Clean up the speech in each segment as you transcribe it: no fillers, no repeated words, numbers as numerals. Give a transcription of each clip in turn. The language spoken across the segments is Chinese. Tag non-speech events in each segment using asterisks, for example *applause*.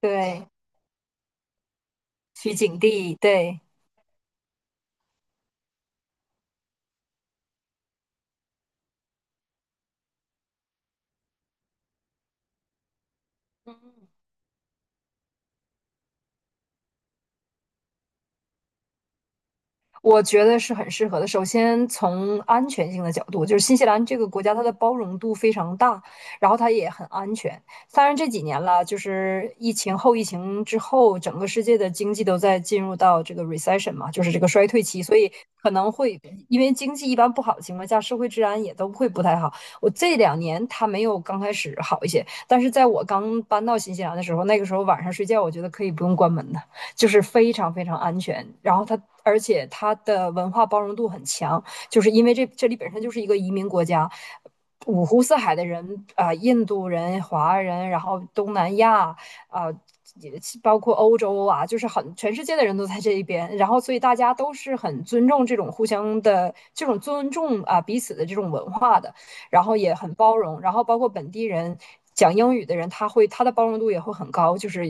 对，取景地，对。嗯，我觉得是很适合的。首先，从安全性的角度，就是新西兰这个国家，它的包容度非常大，然后它也很安全。当然，这几年了，就是疫情之后，整个世界的经济都在进入到这个 recession 嘛，就是这个衰退期，所以可能会因为经济一般不好的情况下，社会治安也都会不太好。我这两年它没有刚开始好一些，但是在我刚搬到新西兰的时候，那个时候晚上睡觉，我觉得可以不用关门的。就是非常非常安全。然后它，而且它的文化包容度很强，就是因为这里本身就是一个移民国家，五湖四海的人啊、印度人、华人，然后东南亚啊。也包括欧洲啊，就是很全世界的人都在这一边，然后所以大家都是很尊重这种互相的这种尊重啊彼此的这种文化的，然后也很包容，然后包括本地人讲英语的人，他的包容度也会很高，就是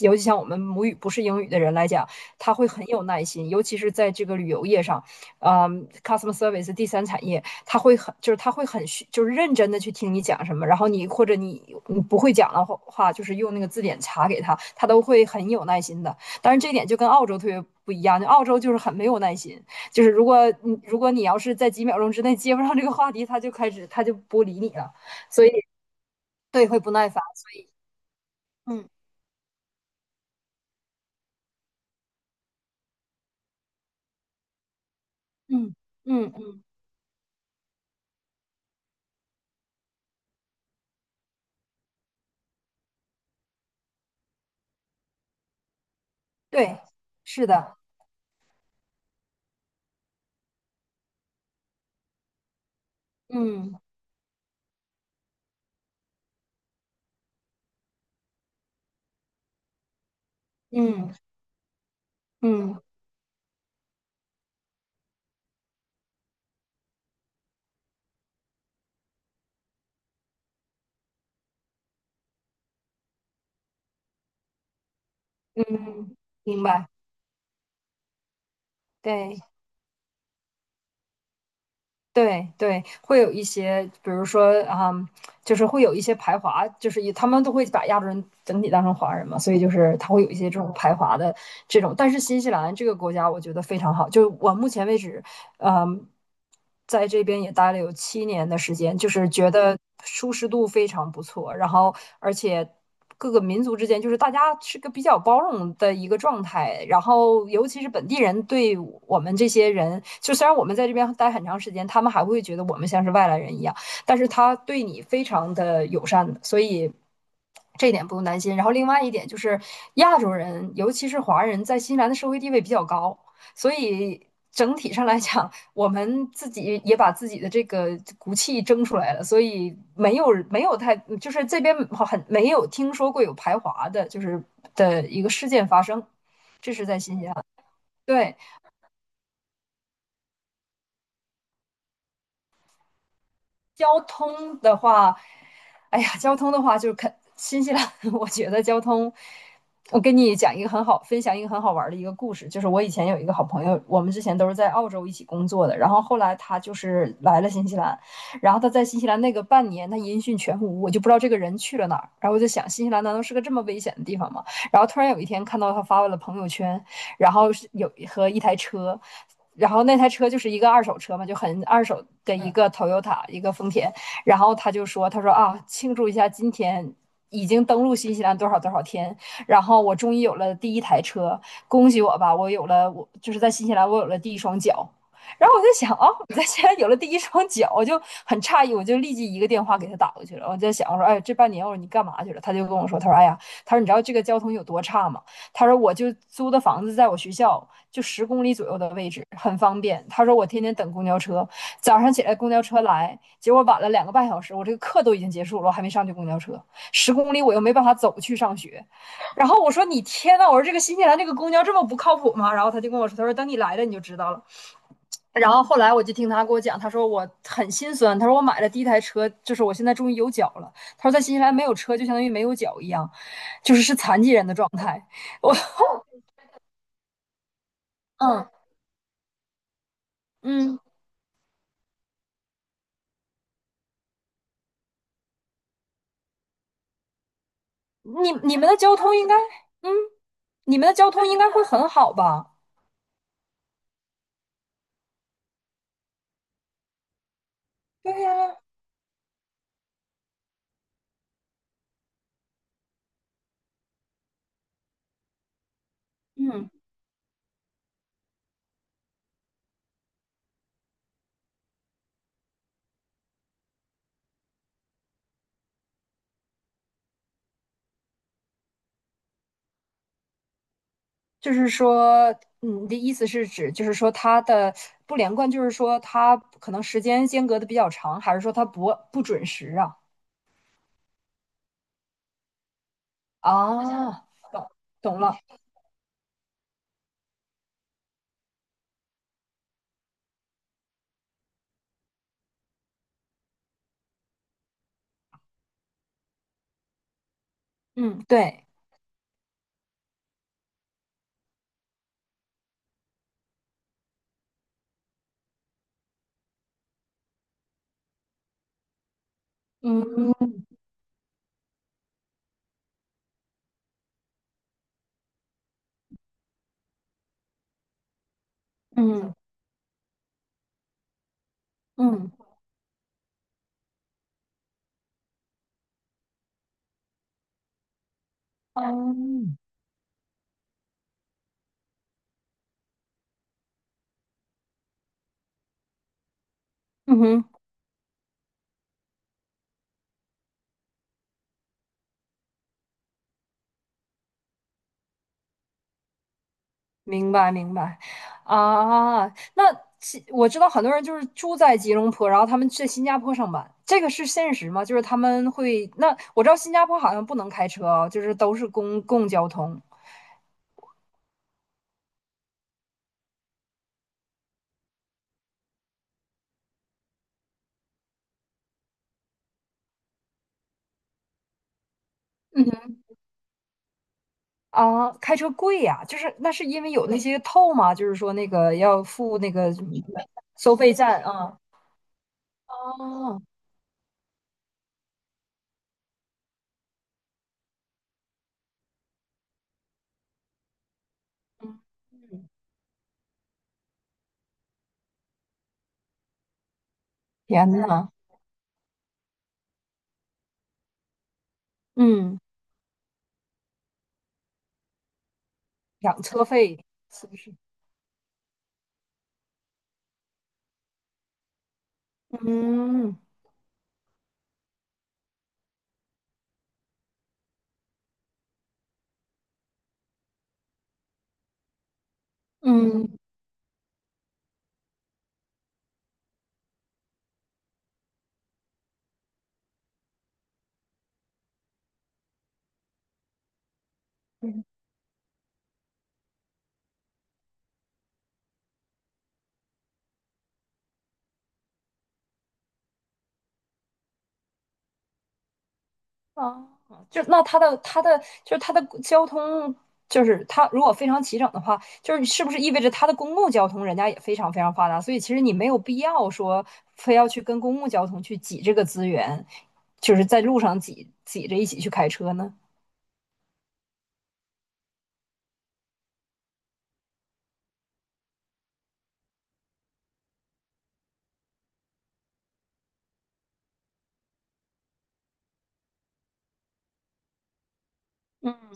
尤其像我们母语不是英语的人来讲，他会很有耐心，尤其是在这个旅游业上，customer service 第三产业，他会很就是他会很就是认真的去听你讲什么，然后你或者你不会讲的话，就是用那个字典查给他，他都会很有耐心的。但是这一点就跟澳洲特别不一样，就澳洲就是很没有耐心。就是如果你要是在几秒钟之内接不上这个话题，他就不理你了，所以对会不耐烦。嗯嗯嗯嗯，对，是的，嗯嗯嗯嗯，明白，对。对对，会有一些，比如说啊、就是会有一些排华，就是以他们都会把亚洲人整体当成华人嘛，所以就是他会有一些这种排华的这种。但是新西兰这个国家，我觉得非常好，就我目前为止嗯，在这边也待了有7年的时间，就是觉得舒适度非常不错，然后而且各个民族之间就是大家是个比较包容的一个状态，然后尤其是本地人对我们这些人，就虽然我们在这边待很长时间，他们还会觉得我们像是外来人一样，但是他对你非常的友善的所以。这一点不用担心。然后另外一点就是，亚洲人，尤其是华人，在新西兰的社会地位比较高，所以整体上来讲，我们自己也把自己的这个骨气争出来了，所以没有太就是这边很没有听说过有排华的，就是的一个事件发生，这是在新西兰。对，交通的话，哎呀，交通的话就是新西兰，*laughs* 我觉得交通，我跟你讲一个很好，分享一个很好玩儿的一个故事，就是我以前有一个好朋友，我们之前都是在澳洲一起工作的，然后后来他就是来了新西兰，然后他在新西兰那个半年，他音讯全无，我就不知道这个人去了哪儿，然后我就想新西兰难道是个这么危险的地方吗？然后突然有一天看到他发了朋友圈，然后是有和一台车，然后那台车就是一个二手车嘛，就很二手的一个 Toyota，、一个丰田。然后他就说，他说啊，庆祝一下今天。已经登陆新西兰多少多少天，然后我终于有了第一台车，恭喜我吧！我有了，我就是在新西兰我有了第一双脚。然后我在想啊，我在新西兰有了第一双脚，我就很诧异，我就立即一个电话给他打过去了。我在想，我说，哎，这半年我说你干嘛去了？他就跟我说，他说，哎呀，他说你知道这个交通有多差吗？他说我就租的房子在我学校就十公里左右的位置，很方便。他说我天天等公交车，早上起来公交车来，结果晚了2个半小时，我这个课都已经结束了，我还没上去公交车，十公里我又没办法走去上学。然后我说你天呐，我说这个新西兰这个公交这么不靠谱吗？然后他就跟我说，他说等你来了你就知道了。然后后来我就听他给我讲，他说我很心酸，他说我买了第一台车，就是我现在终于有脚了。他说在新西兰没有车就相当于没有脚一样，就是是残疾人的状态。我 *laughs* 嗯嗯，你们的交通应该，嗯，你们的交通应该会很好吧？嗯，就是说，你的意思是指，就是说它的不连贯，就是说它可能时间间隔的比较长，还是说它不准时啊？啊，懂懂了，嗯，对，嗯嗯嗯嗯嗯哼。明白明白，啊，那我知道很多人就是住在吉隆坡，然后他们去新加坡上班，这个是现实吗？就是他们会，那我知道新加坡好像不能开车啊，就是都是公共交通啊，开车贵呀，就是那是因为有那些透嘛，就是说那个要付那个什么收费站啊，哦，嗯天呐，嗯，养车费是不是？嗯嗯。啊，就那它的交通，就是它如果非常齐整的话，就是是不是意味着它的公共交通人家也非常非常发达？所以其实你没有必要说非要去跟公共交通去挤这个资源，就是在路上挤挤着一起去开车呢？嗯，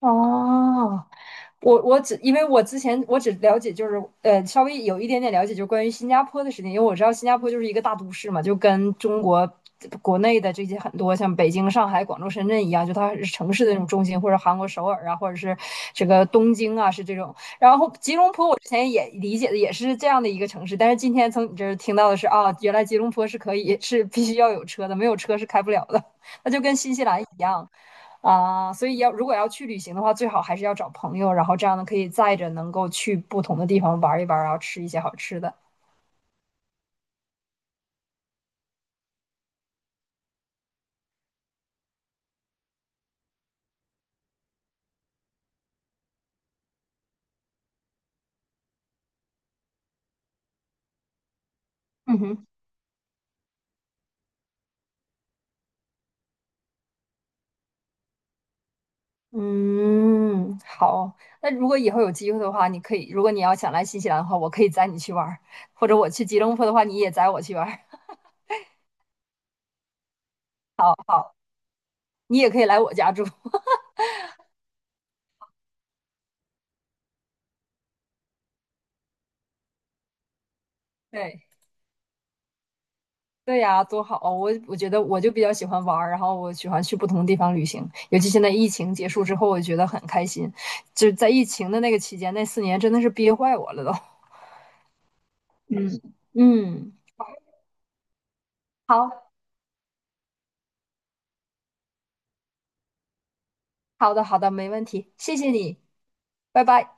哦，我只因为我之前只了解就是稍微有一点点了解，就关于新加坡的事情，因为我知道新加坡就是一个大都市嘛，就跟中国国内的这些很多像北京、上海、广州、深圳一样，就它是城市的那种中心，或者韩国首尔啊，或者是这个东京啊，是这种。然后吉隆坡我之前也理解的也是这样的一个城市，但是今天从你这儿听到的是啊，原来吉隆坡是可以是必须要有车的，没有车是开不了的，那就跟新西兰一样。啊，所以如果要去旅行的话，最好还是要找朋友，然后这样呢可以载着能够去不同的地方玩一玩，然后吃一些好吃的。嗯哼，嗯，好。那如果以后有机会的话，你可以，如果你要想来新西兰的话，我可以载你去玩儿，或者我去吉隆坡的话，你也载我去玩儿，你也可以来我家住。*laughs* 对，对呀，多好！我觉得我就比较喜欢玩儿，然后我喜欢去不同的地方旅行，尤其现在疫情结束之后，我觉得很开心。就是在疫情的那个期间，那4年真的是憋坏我了都。嗯嗯，好好的，没问题，谢谢你，拜拜。